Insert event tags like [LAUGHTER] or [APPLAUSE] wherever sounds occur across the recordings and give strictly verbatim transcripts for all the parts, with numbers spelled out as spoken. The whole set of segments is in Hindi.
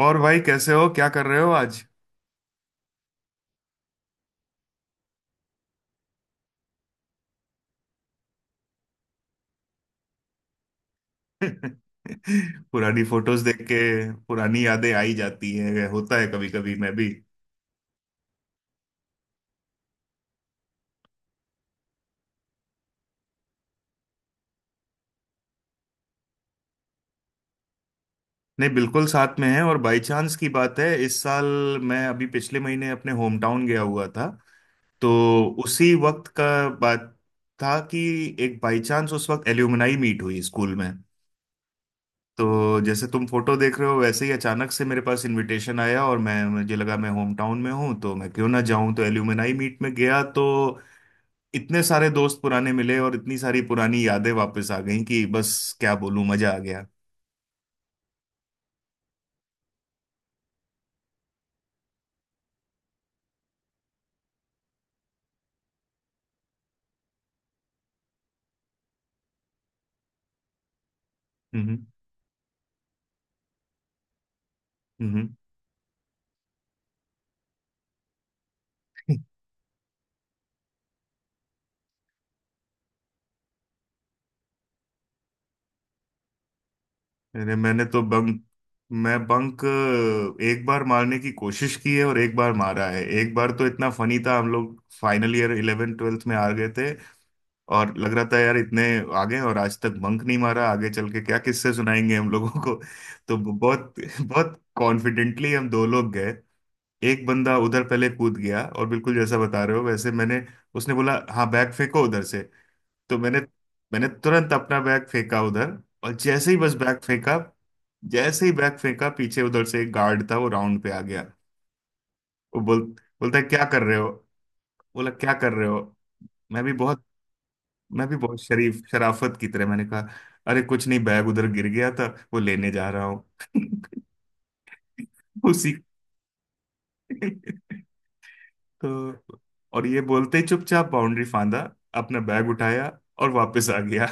और भाई कैसे हो, क्या कर रहे हो आज। [LAUGHS] पुरानी फोटोज देख के पुरानी यादें आई जाती हैं, होता है कभी कभी मैं भी। नहीं बिल्कुल साथ में है, और बाई चांस की बात है, इस साल मैं अभी पिछले महीने अपने होम टाउन गया हुआ था। तो उसी वक्त का बात था कि एक बाई चांस उस वक्त एल्यूमनाई मीट हुई स्कूल में। तो जैसे तुम फोटो देख रहे हो वैसे ही अचानक से मेरे पास इनविटेशन आया, और मैं मुझे लगा मैं होम टाउन में हूँ तो मैं क्यों ना जाऊं, तो एल्यूमनाई मीट में गया। तो इतने सारे दोस्त पुराने मिले और इतनी सारी पुरानी यादें वापस आ गईं कि बस क्या बोलूं, मजा आ गया। हम्म। हम्म। [LAUGHS] अरे मैंने तो बंक मैं बंक एक बार मारने की कोशिश की है और एक बार मारा है। एक बार तो इतना फनी था, हम लोग फाइनल ईयर इलेवेंथ ट्वेल्थ में आ गए थे और लग रहा था यार इतने आगे और आज तक बंक नहीं मारा, आगे चल के क्या किस्से सुनाएंगे हम लोगों को। [LAUGHS] तो बहुत बहुत कॉन्फिडेंटली हम दो लोग गए। एक बंदा उधर पहले कूद गया, और बिल्कुल जैसा बता रहे हो वैसे मैंने उसने बोला हाँ बैग फेंको उधर से। तो मैंने मैंने तुरंत अपना बैग फेंका उधर। और जैसे ही बस बैग फेंका, जैसे ही बैग फेंका, पीछे उधर से एक गार्ड था वो राउंड पे आ गया। वो बोल बोलता है क्या कर रहे हो, बोला क्या कर रहे हो। मैं भी बहुत मैं भी बहुत शरीफ शराफत की तरह मैंने कहा, अरे कुछ नहीं बैग उधर गिर गया था वो लेने जा रहा हूँ। [LAUGHS] उसी [LAUGHS] तो और ये बोलते ही चुपचाप बाउंड्री फांदा, अपना बैग उठाया और वापस आ गया।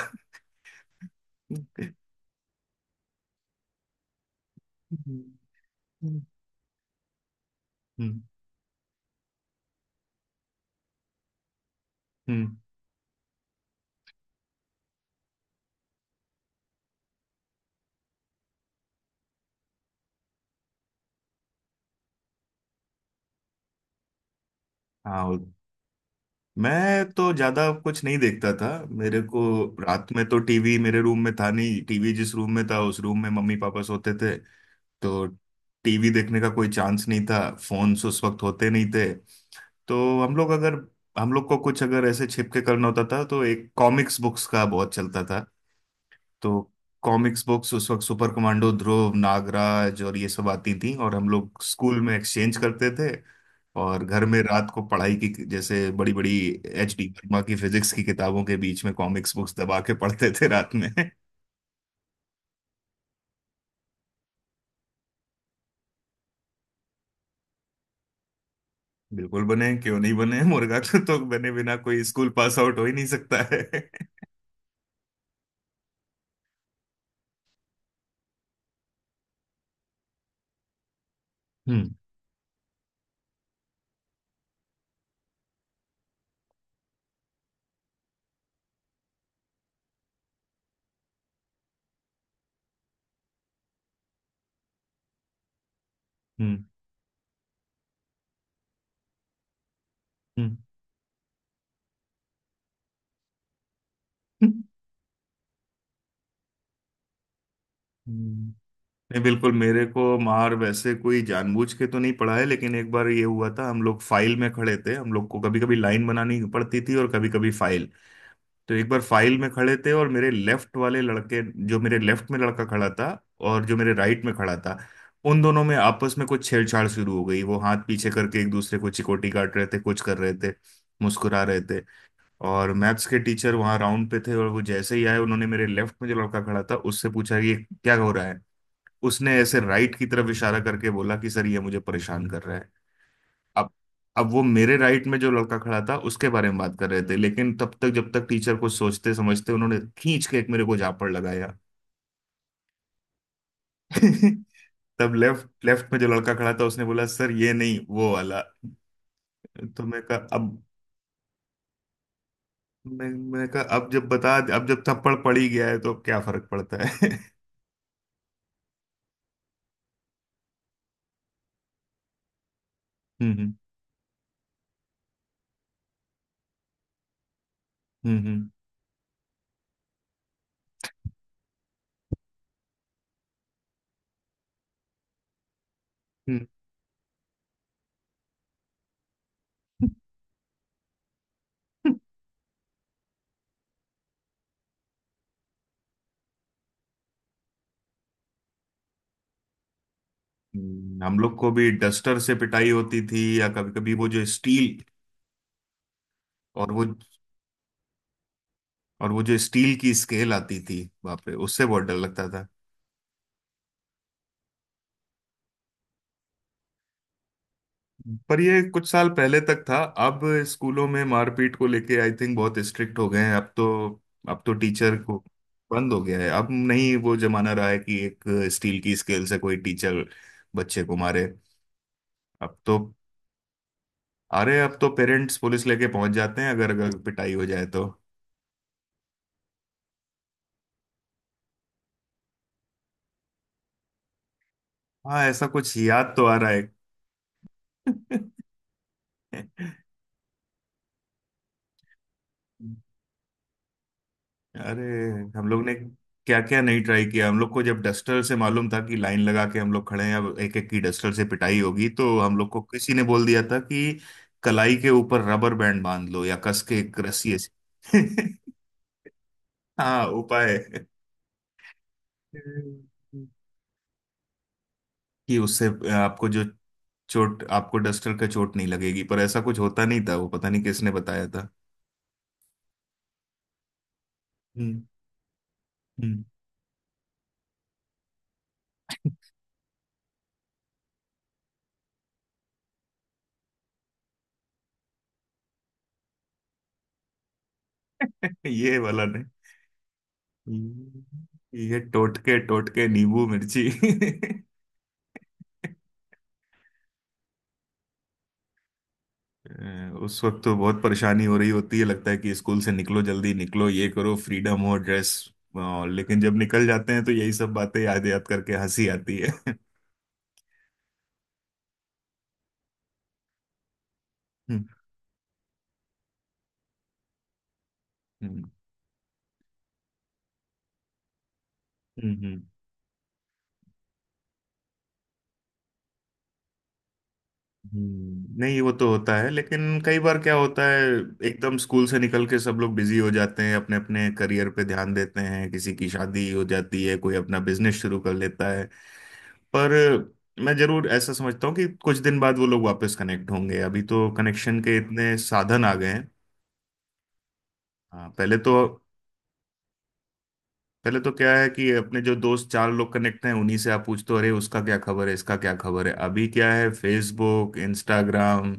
हम्म। हम्म। हाँ। मैं तो ज्यादा कुछ नहीं देखता था। मेरे को रात में तो टीवी मेरे रूम में था नहीं, टीवी जिस रूम में था उस रूम में मम्मी पापा सोते थे। तो टीवी देखने का कोई चांस नहीं था। फोन्स उस वक्त होते नहीं थे। तो हम लोग अगर हम लोग को कुछ अगर ऐसे छिप के करना होता था तो एक कॉमिक्स बुक्स का बहुत चलता था। तो कॉमिक्स बुक्स उस वक्त सुपर कमांडो ध्रुव, नागराज और ये सब आती थी और हम लोग स्कूल में एक्सचेंज करते थे। और घर में रात को पढ़ाई की जैसे बड़ी बड़ी एच डी वर्मा की फिजिक्स की किताबों के बीच में कॉमिक्स बुक्स दबा के पढ़ते थे रात में। [LAUGHS] बिल्कुल बने, क्यों नहीं बने, मुर्गा तो तो बने बिना कोई स्कूल पास आउट हो ही नहीं सकता है। [LAUGHS] हम्म। हम्म। हम्म। [LAUGHS] हम्म। हम्म। नहीं बिल्कुल, मेरे को मार वैसे कोई जानबूझ के तो नहीं पड़ा है, लेकिन एक बार ये हुआ था। हम लोग फाइल में खड़े थे, हम लोग को कभी कभी लाइन बनानी पड़ती थी और कभी कभी फाइल। तो एक बार फाइल में खड़े थे और मेरे लेफ्ट वाले लड़के जो मेरे लेफ्ट में लड़का खड़ा था और जो मेरे राइट में खड़ा था, उन दोनों में आपस में कुछ छेड़छाड़ शुरू हो गई। वो हाथ पीछे करके एक दूसरे को चिकोटी काट रहे थे, कुछ कर रहे थे, मुस्कुरा रहे थे। और मैथ्स के टीचर वहां राउंड पे थे, और वो जैसे ही आए उन्होंने मेरे लेफ्ट में जो लड़का खड़ा था उससे पूछा कि ये क्या हो रहा है। उसने ऐसे राइट की तरफ इशारा करके बोला कि सर ये मुझे परेशान कर रहा है। अब अब वो मेरे राइट में जो लड़का खड़ा था उसके बारे में बात कर रहे थे, लेकिन तब तक, जब तक टीचर कुछ सोचते समझते, उन्होंने खींच के एक मेरे को झापड़ लगाया। [LAUGHS] तब लेफ्ट लेफ्ट में जो लड़का खड़ा था उसने बोला सर ये नहीं, वो वाला। तो मैं कहा अब मैं मैं कहा अब जब बता अब जब थप्पड़ पड़ ही गया है तो अब क्या फर्क पड़ता है। [LAUGHS] हम्म। हम्म। हम्म। हम्म। हम्म। [LAUGHS] हम्म। हम लोग को भी डस्टर से पिटाई होती थी, या कभी कभी वो जो स्टील। और वो और वो जो स्टील की स्केल आती थी, बाप रे, उससे बहुत डर लगता था। पर ये कुछ साल पहले तक था। अब स्कूलों में मारपीट को लेके आई थिंक बहुत स्ट्रिक्ट हो गए हैं अब तो। अब तो टीचर को बंद हो गया है, अब नहीं वो जमाना रहा है कि एक स्टील की स्केल से कोई टीचर बच्चे को मारे। अब तो अरे अब तो पेरेंट्स पुलिस लेके पहुंच जाते हैं, अगर अगर पिटाई हो जाए तो। हाँ, ऐसा कुछ याद तो आ रहा है। [LAUGHS] अरे हम लोग ने क्या क्या नहीं ट्राई किया। हम लोग को जब डस्टर से मालूम था कि लाइन लगा के हम लोग खड़े हैं अब एक एक की डस्टर से पिटाई होगी, तो हम लोग को किसी ने बोल दिया था कि कलाई के ऊपर रबर बैंड बांध लो या कस के एक रस्सी ऐसे। [LAUGHS] हाँ उपाय। हम्म। कि उससे आपको जो चोट आपको डस्टर का चोट नहीं लगेगी। पर ऐसा कुछ होता नहीं था, वो पता नहीं किसने बताया था। हम्म। हम्म। [LAUGHS] ये वाला ने ये टोटके, टोटके, नींबू मिर्ची। [LAUGHS] अ, उस वक्त तो बहुत परेशानी हो रही होती है, लगता है कि स्कूल से निकलो, जल्दी निकलो, ये करो, फ्रीडम हो, ड्रेस। लेकिन जब निकल जाते हैं तो यही सब बातें याद याद करके हंसी आती है। [LAUGHS] हम्म। हम्म। हम्म। हम्म। नहीं, वो तो होता है, लेकिन कई बार क्या होता है एकदम स्कूल से निकल के सब लोग बिजी हो जाते हैं, अपने अपने करियर पे ध्यान देते हैं, किसी की शादी हो जाती है, कोई अपना बिजनेस शुरू कर लेता है। पर मैं जरूर ऐसा समझता हूँ कि कुछ दिन बाद वो लोग वापस कनेक्ट होंगे, अभी तो कनेक्शन के इतने साधन आ गए हैं। हाँ पहले तो पहले तो क्या है कि अपने जो दोस्त चार लोग कनेक्ट हैं उन्हीं से आप पूछते हो अरे उसका क्या खबर है, इसका क्या खबर है। अभी क्या है, फेसबुक, इंस्टाग्राम।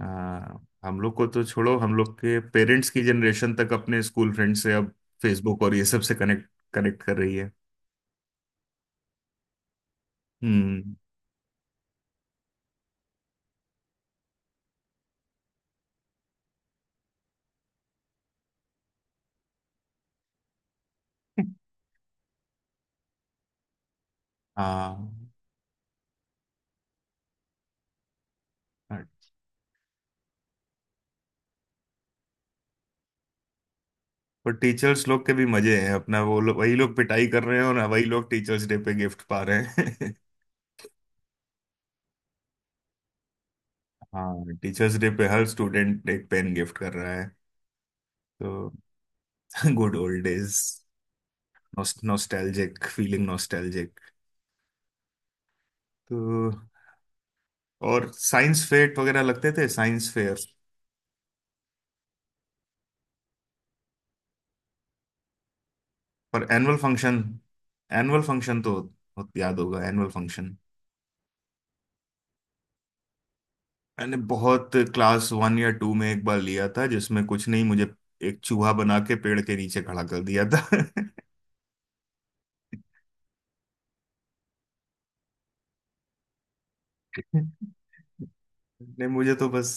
हाँ हम लोग को तो छोड़ो, हम लोग के पेरेंट्स की जनरेशन तक अपने स्कूल फ्रेंड से अब फेसबुक और ये सब से कनेक्ट कनेक्ट कर रही है। हम्म। हाँ। हाँ। पर टीचर्स लोग के भी मजे हैं अपना, वो लोग वही लोग पिटाई कर रहे हैं और वही लोग टीचर्स डे पे गिफ्ट पा रहे हैं। [LAUGHS] हाँ, टीचर्स डे पे हर स्टूडेंट एक पेन गिफ्ट कर रहा है। तो [LAUGHS] good old days. Nostalgic feeling, nostalgic. तो और साइंस फेयर वगैरह लगते थे, साइंस फेयर। पर एनुअल फंक्शन, एनुअल फंक्शन तो बहुत याद होगा, एनुअल फंक्शन। मैंने बहुत क्लास वन या टू में एक बार लिया था जिसमें कुछ नहीं मुझे एक चूहा बना के पेड़ के नीचे खड़ा कर दिया था। [LAUGHS] ने मुझे तो बस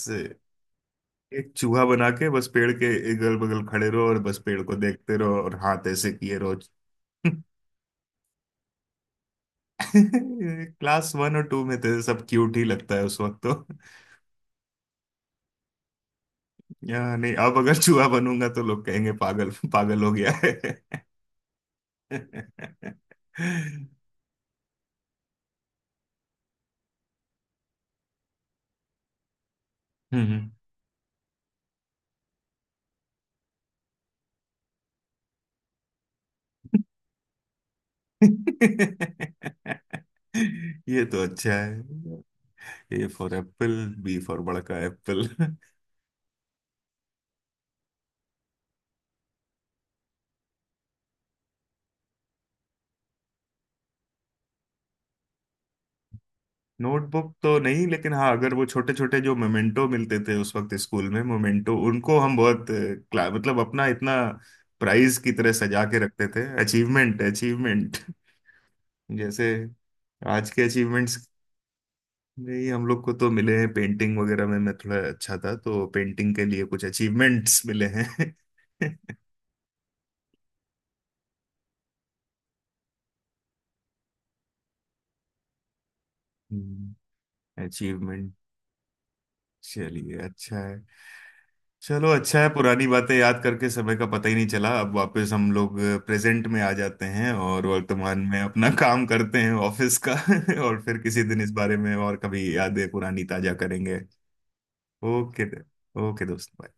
एक चूहा बना के बस पेड़ के अगल बगल खड़े रहो और बस पेड़ को देखते रहो और हाथ ऐसे किए रहो। [LAUGHS] क्लास वन और टू में तो सब क्यूट ही लगता है उस वक्त तो। या नहीं अब अगर चूहा बनूंगा तो लोग कहेंगे पागल पागल हो गया है। हम्म। [LAUGHS] ये तो अच्छा है। A for apple, B for बड़ा का एप्पल। नोटबुक [LAUGHS] तो नहीं, लेकिन हाँ अगर वो छोटे छोटे जो मोमेंटो मिलते थे उस वक्त स्कूल में, मोमेंटो, उनको हम बहुत अ, क्ला- मतलब अपना इतना प्राइज की तरह सजा के रखते थे, अचीवमेंट, अचीवमेंट। [LAUGHS] जैसे आज के अचीवमेंट्स। नहीं हम लोग को तो मिले हैं, पेंटिंग वगैरह में मैं थोड़ा अच्छा था, तो पेंटिंग के लिए कुछ अचीवमेंट्स मिले हैं। [LAUGHS] अचीवमेंट। चलिए अच्छा है। चलो अच्छा है, पुरानी बातें याद करके समय का पता ही नहीं चला। अब वापस हम लोग प्रेजेंट में आ जाते हैं और वर्तमान में अपना [LAUGHS] काम करते हैं ऑफिस का। [LAUGHS] और फिर किसी दिन इस बारे में, और कभी यादें पुरानी ताजा करेंगे। ओके। ओके दोस्त बाय।